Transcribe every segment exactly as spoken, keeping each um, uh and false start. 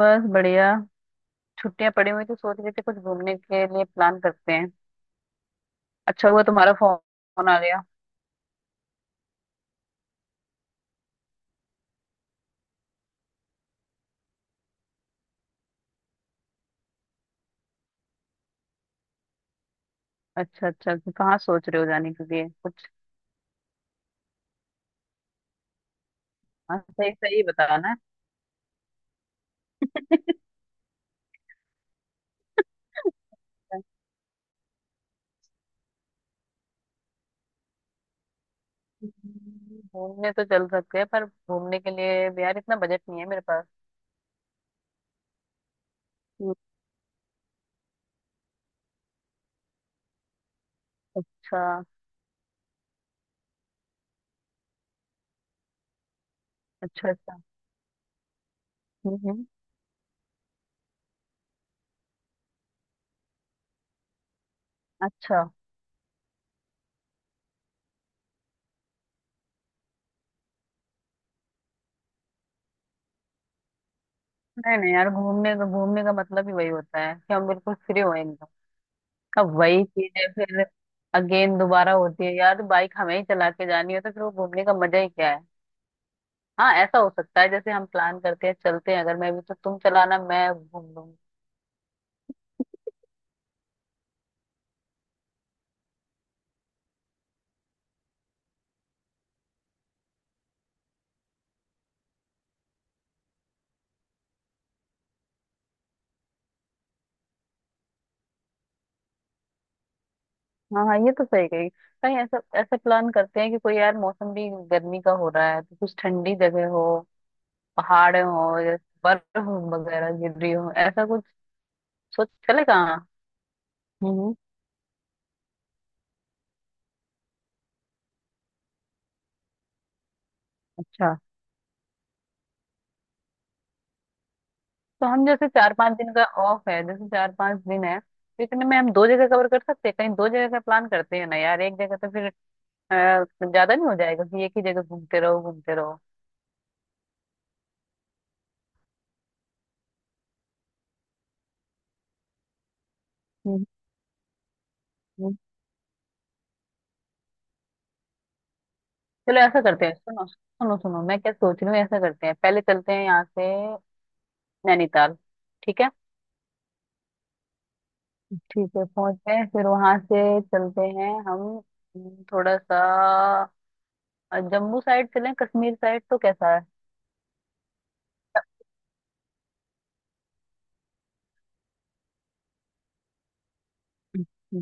बस बढ़िया। छुट्टियां पड़ी हुई तो सोच रहे थे कुछ घूमने के लिए प्लान करते हैं। अच्छा हुआ तुम्हारा फोन आ गया। अच्छा अच्छा, तो कहाँ सोच रहे हो जाने के लिए कुछ? हाँ सही सही बताना। घूमने तो चल सकते हैं, पर घूमने के लिए भी यार इतना बजट नहीं है मेरे पास। हम्म, अच्छा। अच्छा अच्छा। हम्म हम्म। अच्छा। नहीं नहीं यार, घूमने का घूमने का मतलब ही वही होता है कि हम बिल्कुल फ्री हो एकदम। अब वही चीज है फिर। अगेन दोबारा होती है यार, बाइक हमें ही चला के जानी हो तो फिर वो घूमने का मजा ही क्या है। हाँ ऐसा हो सकता है, जैसे हम प्लान करते हैं चलते हैं, अगर मैं भी तो तुम चलाना मैं घूम लूंगी। हाँ हाँ ये तो सही कही। कहीं ऐसा ऐसा प्लान करते हैं कि कोई, यार मौसम भी गर्मी का हो रहा है तो कुछ ठंडी जगह हो, पहाड़ हो या बर्फ वगैरह गिर रही हो ऐसा कुछ, सोच चले कहाँ। हम्म। तो हम जैसे चार पांच दिन का ऑफ है, जैसे चार पांच दिन है तो इतने में हम दो जगह कवर कर सकते हैं, कहीं दो जगह का प्लान करते हैं ना यार, एक जगह तो फिर अ, ज्यादा नहीं हो जाएगा कि एक ही जगह घूमते रहो घूमते रहो। हम्म। हम्म। चलो ऐसा करते हैं, सुनो सुनो सुनो, मैं क्या सोच रही हूँ, ऐसा करते हैं पहले चलते हैं यहाँ से नैनीताल। ठीक है। ठीक है पहुंचते हैं फिर वहां से चलते हैं हम। हम्म, थोड़ा सा अ, जम्मू साइड चलें, कश्मीर साइड तो कैसा है?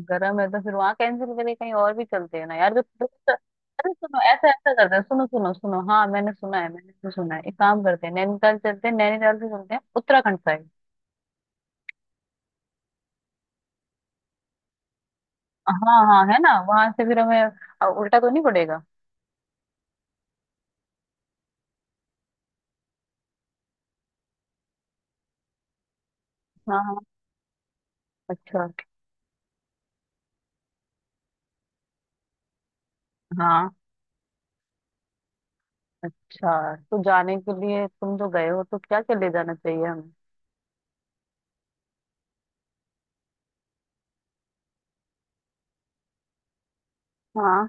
गर्म है तो फिर वहां कैंसिल करके कहीं और भी चलते हैं ना यार, तो, तो, तो, अरे सुनो ऐसा ऐसा करते हैं, सुनो सुनो सुनो, हाँ मैंने सुना है, मैंने तो सुना है, एक काम करते हैं नैनीताल चलते हैं, नैनीताल से चलते हैं उत्तराखंड साइड। हाँ हाँ है ना, वहां से फिर हमें अ, उल्टा तो नहीं पड़ेगा। हाँ हाँ। अच्छा। हाँ। अच्छा, तो जाने के लिए तुम जो गए हो तो क्या क्या ले जाना चाहिए हमें? हाँ।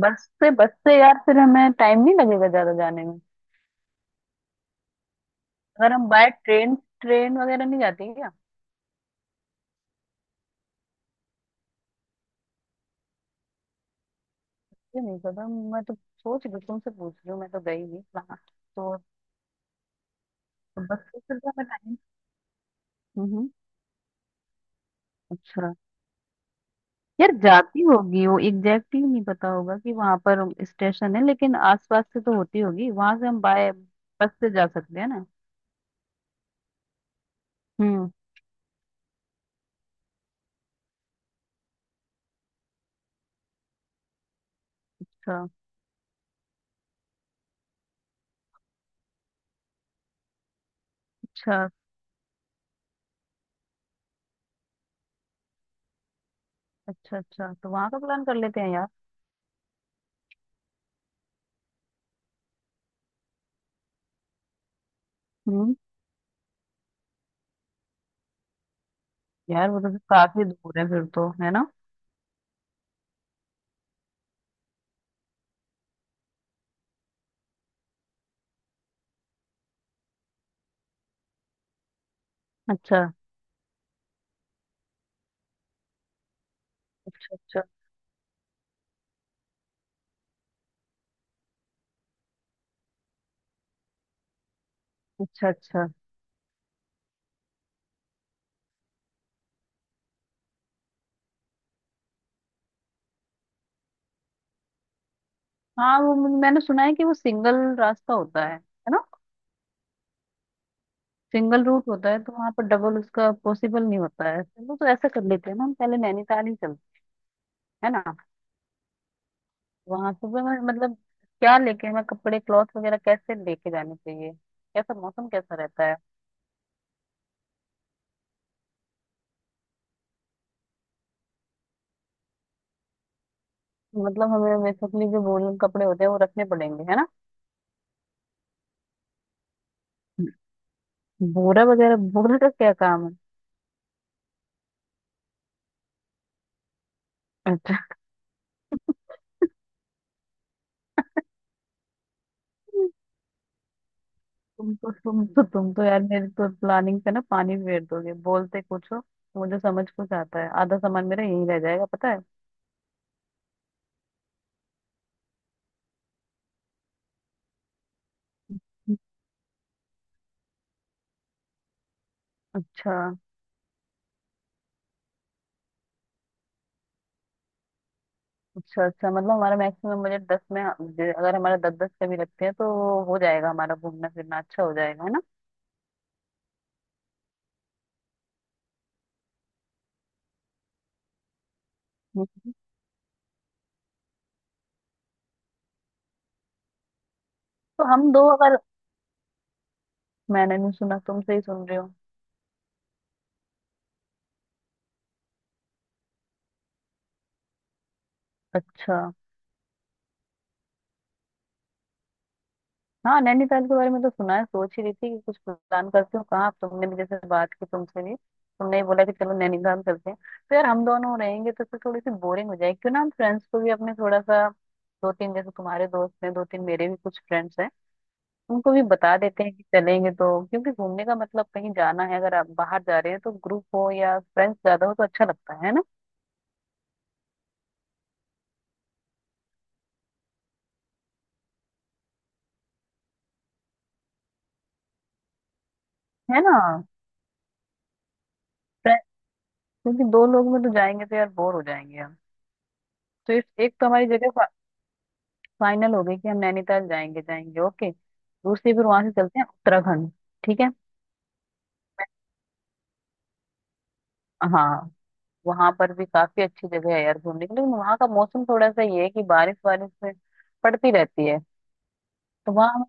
बस से बस से यार फिर हमें टाइम नहीं लगेगा ज्यादा जाने में। अगर हम बाय ट्रेन, ट्रेन वगैरह नहीं जाती क्या? मुझे नहीं पता, मैं तो सोच रही हूँ, तुमसे पूछ रही हूँ, मैं तो गई नहीं वहां। तो बस सोच रही हूँ मैं टाइम। हम्म। अच्छा। यार जाती होगी, वो एग्जैक्टली नहीं पता होगा कि वहां पर स्टेशन है, लेकिन आसपास से तो होती होगी, वहां से हम बाय बस से जा सकते हैं ना। हम्म। अच्छा। अच्छा। अच्छा। अच्छा तो वहां का प्लान कर लेते हैं यार। हम्म। यार वो तो फिर काफी दूर है फिर तो, है ना? अच्छा। अच्छा अच्छा। अच्छा। हाँ वो, मैंने सुना है कि वो सिंगल रास्ता होता है है ना? सिंगल रूट होता है तो वहां पर डबल उसका पॉसिबल नहीं होता है, चलो तो ऐसा कर लेते हैं ना, हम पहले नैनीताल ही चलते हैं ना। वहां सुबह में मतलब क्या लेके, हमें कपड़े क्लॉथ वगैरह कैसे लेके जाने चाहिए, कैसा मौसम कैसा रहता है? मतलब हमें बेसिकली जो वूलन कपड़े होते हैं वो रखने पड़ेंगे है ना? बोरा वगैरह, बोरे का क्या काम है? अच्छा। तुम तो तुम तो तुम तो यार मेरी तो प्लानिंग पे ना पानी फेर दोगे, बोलते कुछ हो मुझे समझ कुछ आता है, आधा सामान मेरा यहीं रह जाएगा पता है। अच्छा। अच्छा अच्छा। मतलब हमारा मैक्सिमम बजट दस में, जे- अगर हमारा दस दस का भी रखते हैं तो हो जाएगा, हमारा घूमना फिरना अच्छा हो जाएगा है ना? हम्म। तो हम दो अगर। मैंने नहीं सुना, तुमसे ही सुन रही हूँ। अच्छा। हाँ नैनीताल के बारे में तो सुना है, सोच ही रही थी कि कुछ प्लान करती हूँ कहाँ, अब तुमने भी जैसे बात की, तुमसे भी तुमने ही बोला कि चलो नैनीताल चलते हैं। तो यार हम दोनों रहेंगे तो फिर थोड़ी सी बोरिंग हो जाएगी, क्यों ना हम फ्रेंड्स को भी अपने थोड़ा सा, दो तीन जैसे तुम्हारे दोस्त हैं दो तीन मेरे भी कुछ फ्रेंड्स हैं, उनको भी बता देते हैं कि चलेंगे तो, क्योंकि घूमने का मतलब कहीं जाना है, अगर आप बाहर जा रहे हैं तो ग्रुप हो या फ्रेंड्स ज्यादा हो तो अच्छा लगता है ना। है ना? फ्रे- क्योंकि दो लोग में तो जाएंगे तो यार बोर हो जाएंगे हम। तो इस एक तो हमारी जगह फा, फाइनल हो गई कि हम नैनीताल जाएंगे जाएंगे, ओके दूसरी फिर वहां से चलते हैं उत्तराखंड। ठीक है। हाँ वहां पर भी काफी अच्छी जगह है यार घूमने के लिए, लेकिन वहां का मौसम थोड़ा सा ये है कि बारिश बारिश में पड़ती रहती है। तो वहां।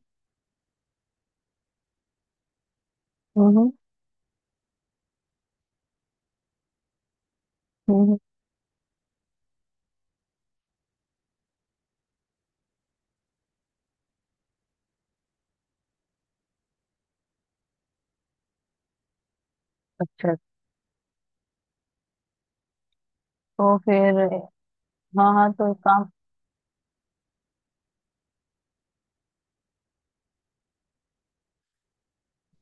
हम्म। हम्म। हम्म। हम्म। अच्छा। तो फिर हाँ, हाँ तो एक काम,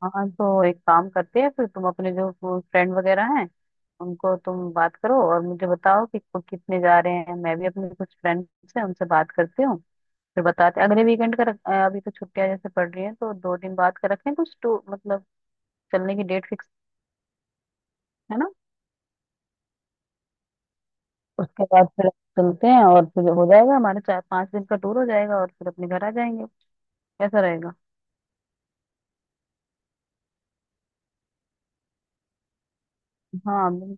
हाँ तो एक काम करते हैं फिर, तुम अपने जो फ्रेंड वगैरह हैं उनको तुम बात करो और मुझे बताओ कि को- कितने जा रहे हैं, मैं भी अपने कुछ फ्रेंड्स हैं उनसे बात करती हूँ फिर बताते हैं। अगले वीकेंड का रख- अ, अभी तो छुट्टियां जैसे पड़ रही हैं तो दो दिन बाद का रखें कुछ टू मतलब चलने की डेट फिक्स। है ना? उसके बाद फिर चलते हैं, और फिर हो जाएगा हमारा चार पांच दिन का टूर हो जाएगा, और फिर अपने घर आ जाएंगे। कैसा रहेगा? हाँ बिल-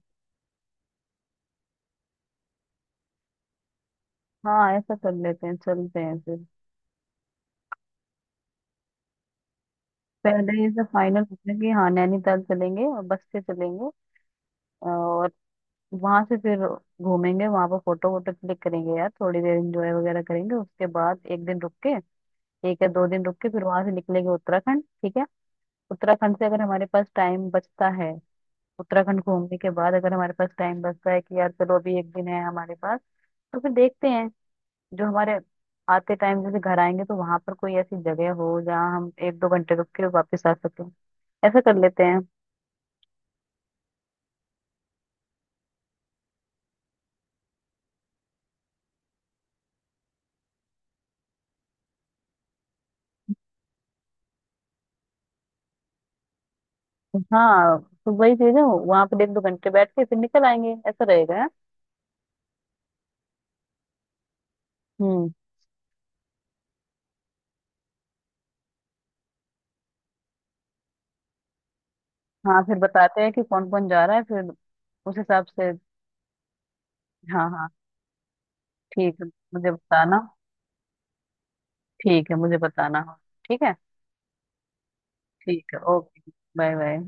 हाँ, ऐसा कर लेते हैं चलते हैं फिर। पहले ये सब फाइनल करते हैं कि हाँ नैनीताल चलेंगे और बस से चलेंगे, और वहां से फिर घूमेंगे वहां पर फोटो वोटो क्लिक करेंगे यार, थोड़ी देर एंजॉय वगैरह करेंगे, उसके बाद एक दिन रुक के, एक या दो दिन रुक के फिर वहां से निकलेंगे उत्तराखंड। ठीक है। उत्तराखंड से अगर हमारे पास टाइम बचता है, उत्तराखंड घूमने के बाद अगर हमारे पास टाइम बचता है कि यार चलो अभी एक दिन है हमारे पास, तो फिर देखते हैं जो हमारे आते टाइम जैसे घर आएंगे तो वहां पर कोई ऐसी जगह हो जहाँ हम एक दो घंटे रुक के वापस आ सकें, ऐसा कर लेते हैं। हाँ तो वही चीज है वहां पर एक दो घंटे बैठ के फिर निकल आएंगे, ऐसा रहेगा है? हम्म। हाँ फिर बताते हैं कि कौन कौन जा रहा है, फिर उस हिसाब से। हाँ हाँ। ठीक है मुझे बताना। ठीक है मुझे बताना। ठीक है ठीक है ओके, बाय बाय।